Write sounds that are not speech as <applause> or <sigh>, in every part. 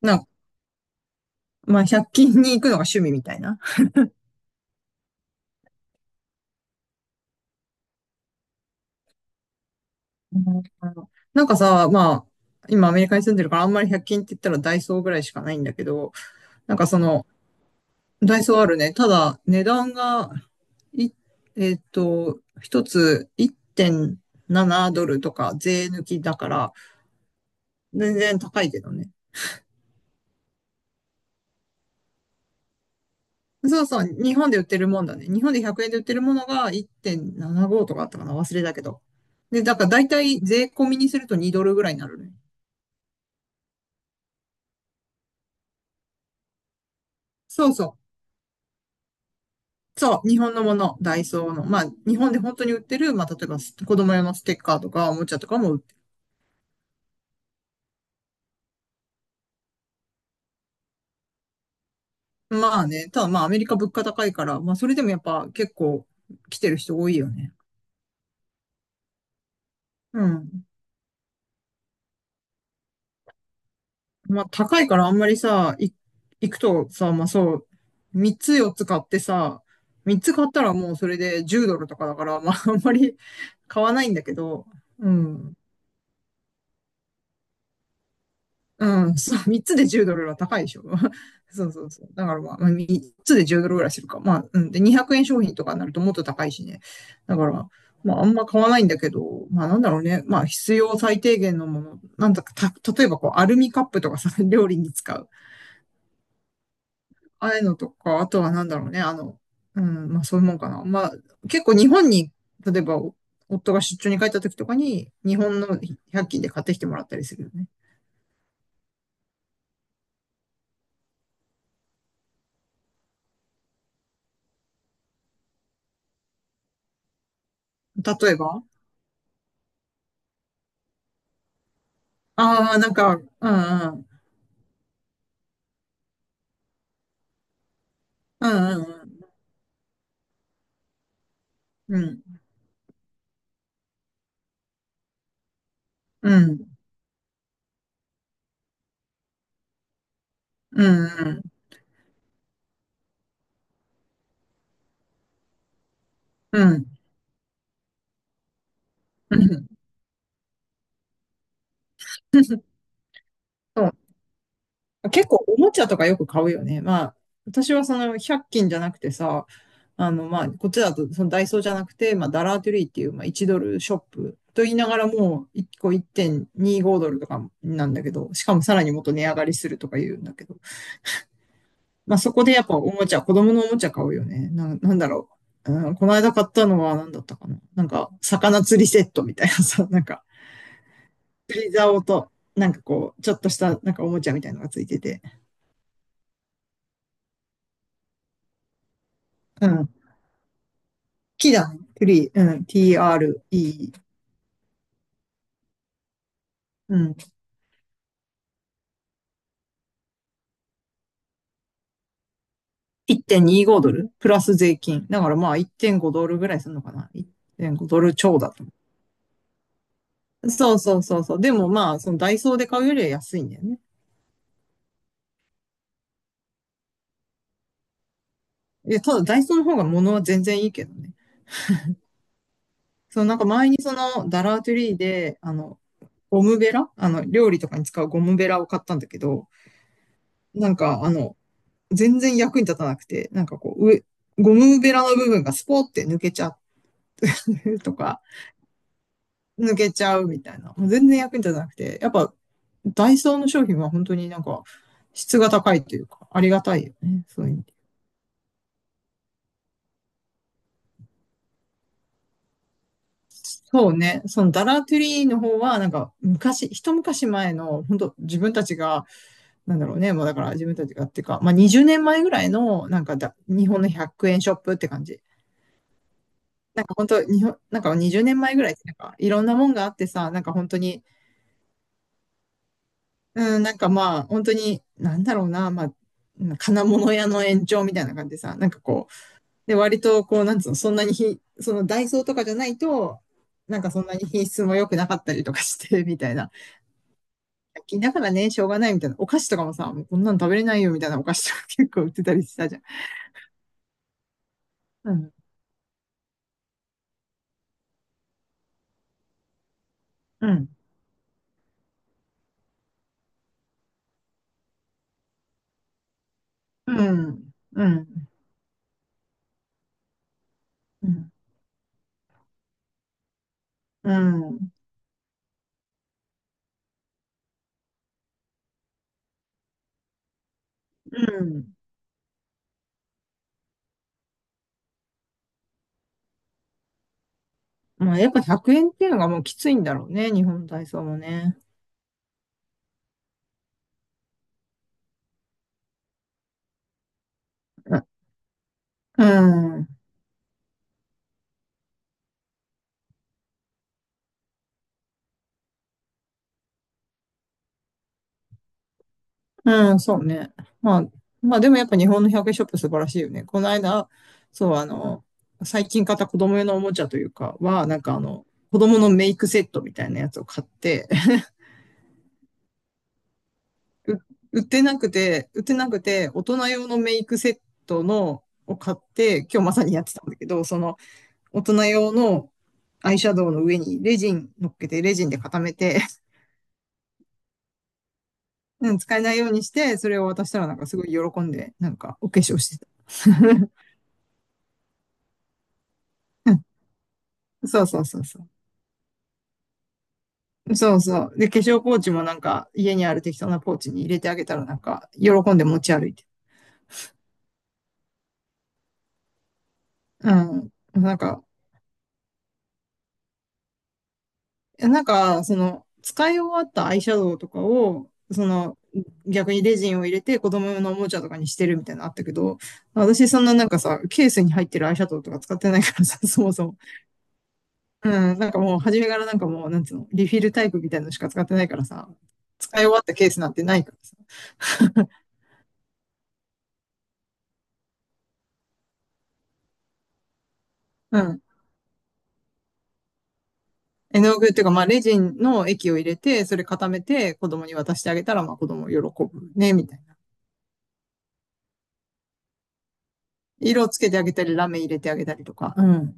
なんか、まあ、100均に行くのが趣味みたいな。なんかさ、まあ、今アメリカに住んでるからあんまり100均って言ったらダイソーぐらいしかないんだけど、なんかその、ダイソーあるね。ただ、値段が、い、えっと、一つ1.7ドルとか税抜きだから、全然高いけどね。そうそう、日本で売ってるもんだね。日本で100円で売ってるものが1.75とかあったかな忘れたけど。で、だから大体税込みにすると2ドルぐらいになるね。そうそう。そう、日本のもの、ダイソーの。まあ、日本で本当に売ってる、まあ、例えば子供用のステッカーとか、おもちゃとかも売ってる。まあね、ただまあ、アメリカ物価高いから、まあ、それでもやっぱ結構来てる人多いよね。うん。まあ、高いからあんまりさ、行くとさ、まあそう、3つ4つ買ってさ、3つ買ったらもうそれで10ドルとかだから、まあ、あんまり買わないんだけど、うん。うん、<laughs> そう、3つで10ドルは高いでしょ。<laughs> そうそうそう。だからまあ、まあ3つで10ドルぐらいするか。まあ、うん。で、200円商品とかになるともっと高いしね。だから、まあ、あんま買わないんだけど、まあ、なんだろうね。まあ、必要最低限のもの。なんだか、例えばこう、アルミカップとかさ、<laughs> 料理に使う。ああいうのとか、あとはなんだろうね。あの、うん、まあ、そういうもんかな。まあ、結構日本に、例えば、夫が出張に帰った時とかに、日本の100均で買ってきてもらったりするよね。例えば、ああ、なんか、うんうん。うんうんうん。うん。うん。うん。うんうん、そう、結構おもちゃとかよく買うよね。まあ、私はその100均じゃなくてさ、あの、まあ、こっちだとそのダイソーじゃなくて、まあ、ダラートゥリーっていう、まあ、1ドルショップと言いながらもう1個1.25ドルとかなんだけど、しかもさらにもっと値上がりするとか言うんだけど、まあ、そこでやっぱおもちゃ、子供のおもちゃ買うよね。なんだろう。うん、この間買ったのは何だったかな。なんか、魚釣りセットみたいなさ、なんか、釣り竿と、なんかこう、ちょっとした、なんかおもちゃみたいなのがついてて。うん。木だね。トリー。うん。TRE。うん。1.25ドルプラス税金。だからまあ1.5ドルぐらいするのかな。1.5ドル超だと。そうそうそうそう。でもまあ、そのダイソーで買うよりは安いんだよね。いや、ただダイソーの方が物は全然いいけどね。そのなんか前にそのダラートゥリーで、あの、ゴムベラあの、料理とかに使うゴムベラを買ったんだけど、なんかあの、全然役に立たなくて、なんかこう、ゴムベラの部分がスポーって抜けちゃう <laughs> とか、抜けちゃうみたいな。もう全然役に立たなくて、やっぱ、ダイソーの商品は本当になんか、質が高いというか、ありがたいよね。そういう意味で。そうね。そのダラトゥリーの方は、なんか、昔、一昔前の、本当自分たちが、なんだろうね。もうだから自分たちがっていうか、まあ20年前ぐらいの、なんかだ、日本の100円ショップって感じ。なんか本当、日本、なんか20年前ぐらいってなんかいろんなもんがあってさ、なんか本当に、うん、なんかまあ、本当に、なんだろうな、まあ、金物屋の延長みたいな感じでさ、なんかこう、で、割とこう、なんつうの、そんなにひ、そのダイソーとかじゃないと、なんかそんなに品質も良くなかったりとかして、みたいな。だからね、しょうがないみたいな。お菓子とかもさ、もうこんなの食べれないよみたいなお菓子とか結構売ってたりしたじゃん。うん、うん、うん、うん、うん、うん、まあ、やっぱ100円っていうのがもうきついんだろうね、日本体操もね。うん、うん、うん、そうね。まあ、まあでもやっぱ日本の100円ショップ素晴らしいよね。この間、そう、あの、最近買った子供用のおもちゃというかは、なんかあの、子供のメイクセットみたいなやつを買って、<laughs> う売ってなくて、売ってなくて、大人用のメイクセットを買って、今日まさにやってたんだけど、その、大人用のアイシャドウの上にレジン乗っけて、レジンで固めて、うん、使えないようにして、それを渡したらなんかすごい喜んで、なんかお化粧してた。<laughs> うん、そうそうそうそう。そうそう。で、化粧ポーチもなんか家にある適当なポーチに入れてあげたらなんか喜んで持ち歩いて。うん。なんか、その、使い終わったアイシャドウとかを、その、逆にレジンを入れて子供用のおもちゃとかにしてるみたいなのあったけど、私そんななんかさ、ケースに入ってるアイシャドウとか使ってないからさ、<laughs> そもそも。うん、なんかもう初めからなんかもう、なんつうの、リフィルタイプみたいなのしか使ってないからさ、使い終わったケースなんてないからさ。うん。絵の具っていうか、まあ、レジンの液を入れて、それ固めて子供に渡してあげたら、まあ、子供喜ぶね、みたいな。色をつけてあげたり、ラメ入れてあげたりとか。うん。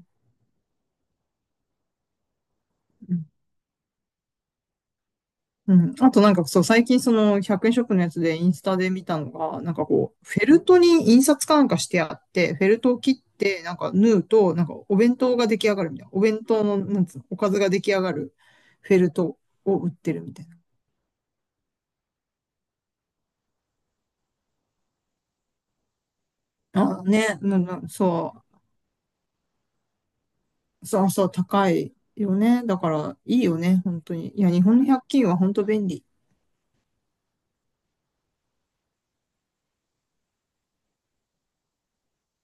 うん。あとなんかそう、最近その100円ショップのやつでインスタで見たのが、なんかこう、フェルトに印刷かなんかしてあって、フェルトを切って、なんか縫うと、なんかお弁当が出来上がるみたいな。お弁当の、なんつうの、おかずが出来上がるフェルトを売ってるみたいな。あ、ね、うんうん、そう、そうそう、高いよね。だからいいよね、本当に。いや、日本の100均は本当便利。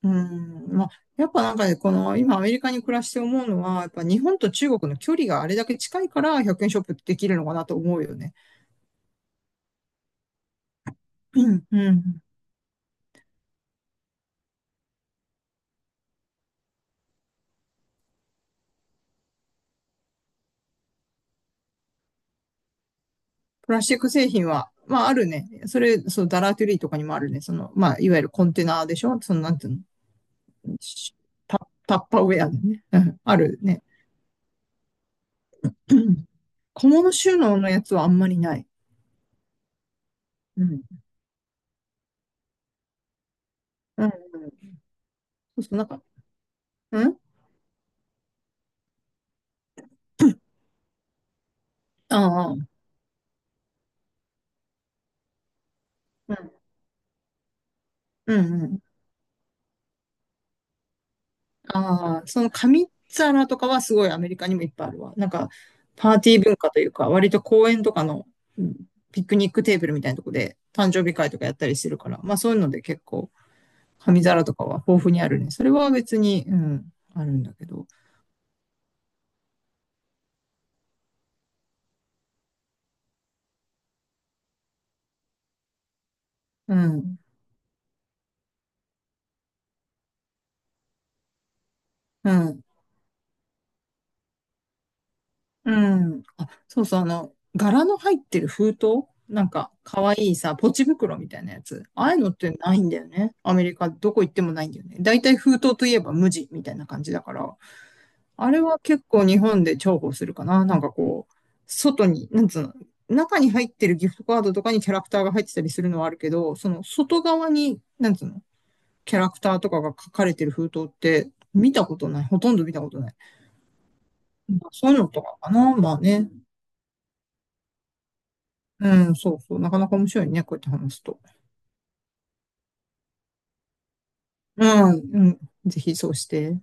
うん、まあ、やっぱなんかね、この今アメリカに暮らして思うのは、やっぱ日本と中国の距離があれだけ近いから100円ショップってできるのかなと思うよね。うん、うん。プラスチック製品は、まああるね。それ、そう、ダラートゥリーとかにもあるね。その、まあ、いわゆるコンテナでしょその、なんていうの。タ、タッパーウェアでね。うん、あるね。うん、小物収納のやつはあんまりない。うん。うん、うん。そうそう、なんか、うん、ああ、うん、うん、うん。ああ、その紙皿とかはすごいアメリカにもいっぱいあるわ。なんか、パーティー文化というか、割と公園とかの、うん、ピクニックテーブルみたいなとこで誕生日会とかやったりしてるから、まあそういうので結構紙皿とかは豊富にあるね。それは別に、うん、あるんだけど。うん、うん、うん。あ、そうそう、あの、柄の入ってる封筒なんか、かわいいさ、ポチ袋みたいなやつ。ああいうのってないんだよね。アメリカ、どこ行ってもないんだよね。だいたい封筒といえば無地みたいな感じだから。あれは結構日本で重宝するかな。なんかこう、外に、なんつうの、中に入ってるギフトカードとかにキャラクターが入ってたりするのはあるけど、その外側に、なんつうの、キャラクターとかが書かれてる封筒って見たことない。ほとんど見たことない。まあそういうのとかかな。まあね。うん、そうそう。なかなか面白いね。こうやって話すと。うん、うん。ぜひそうして。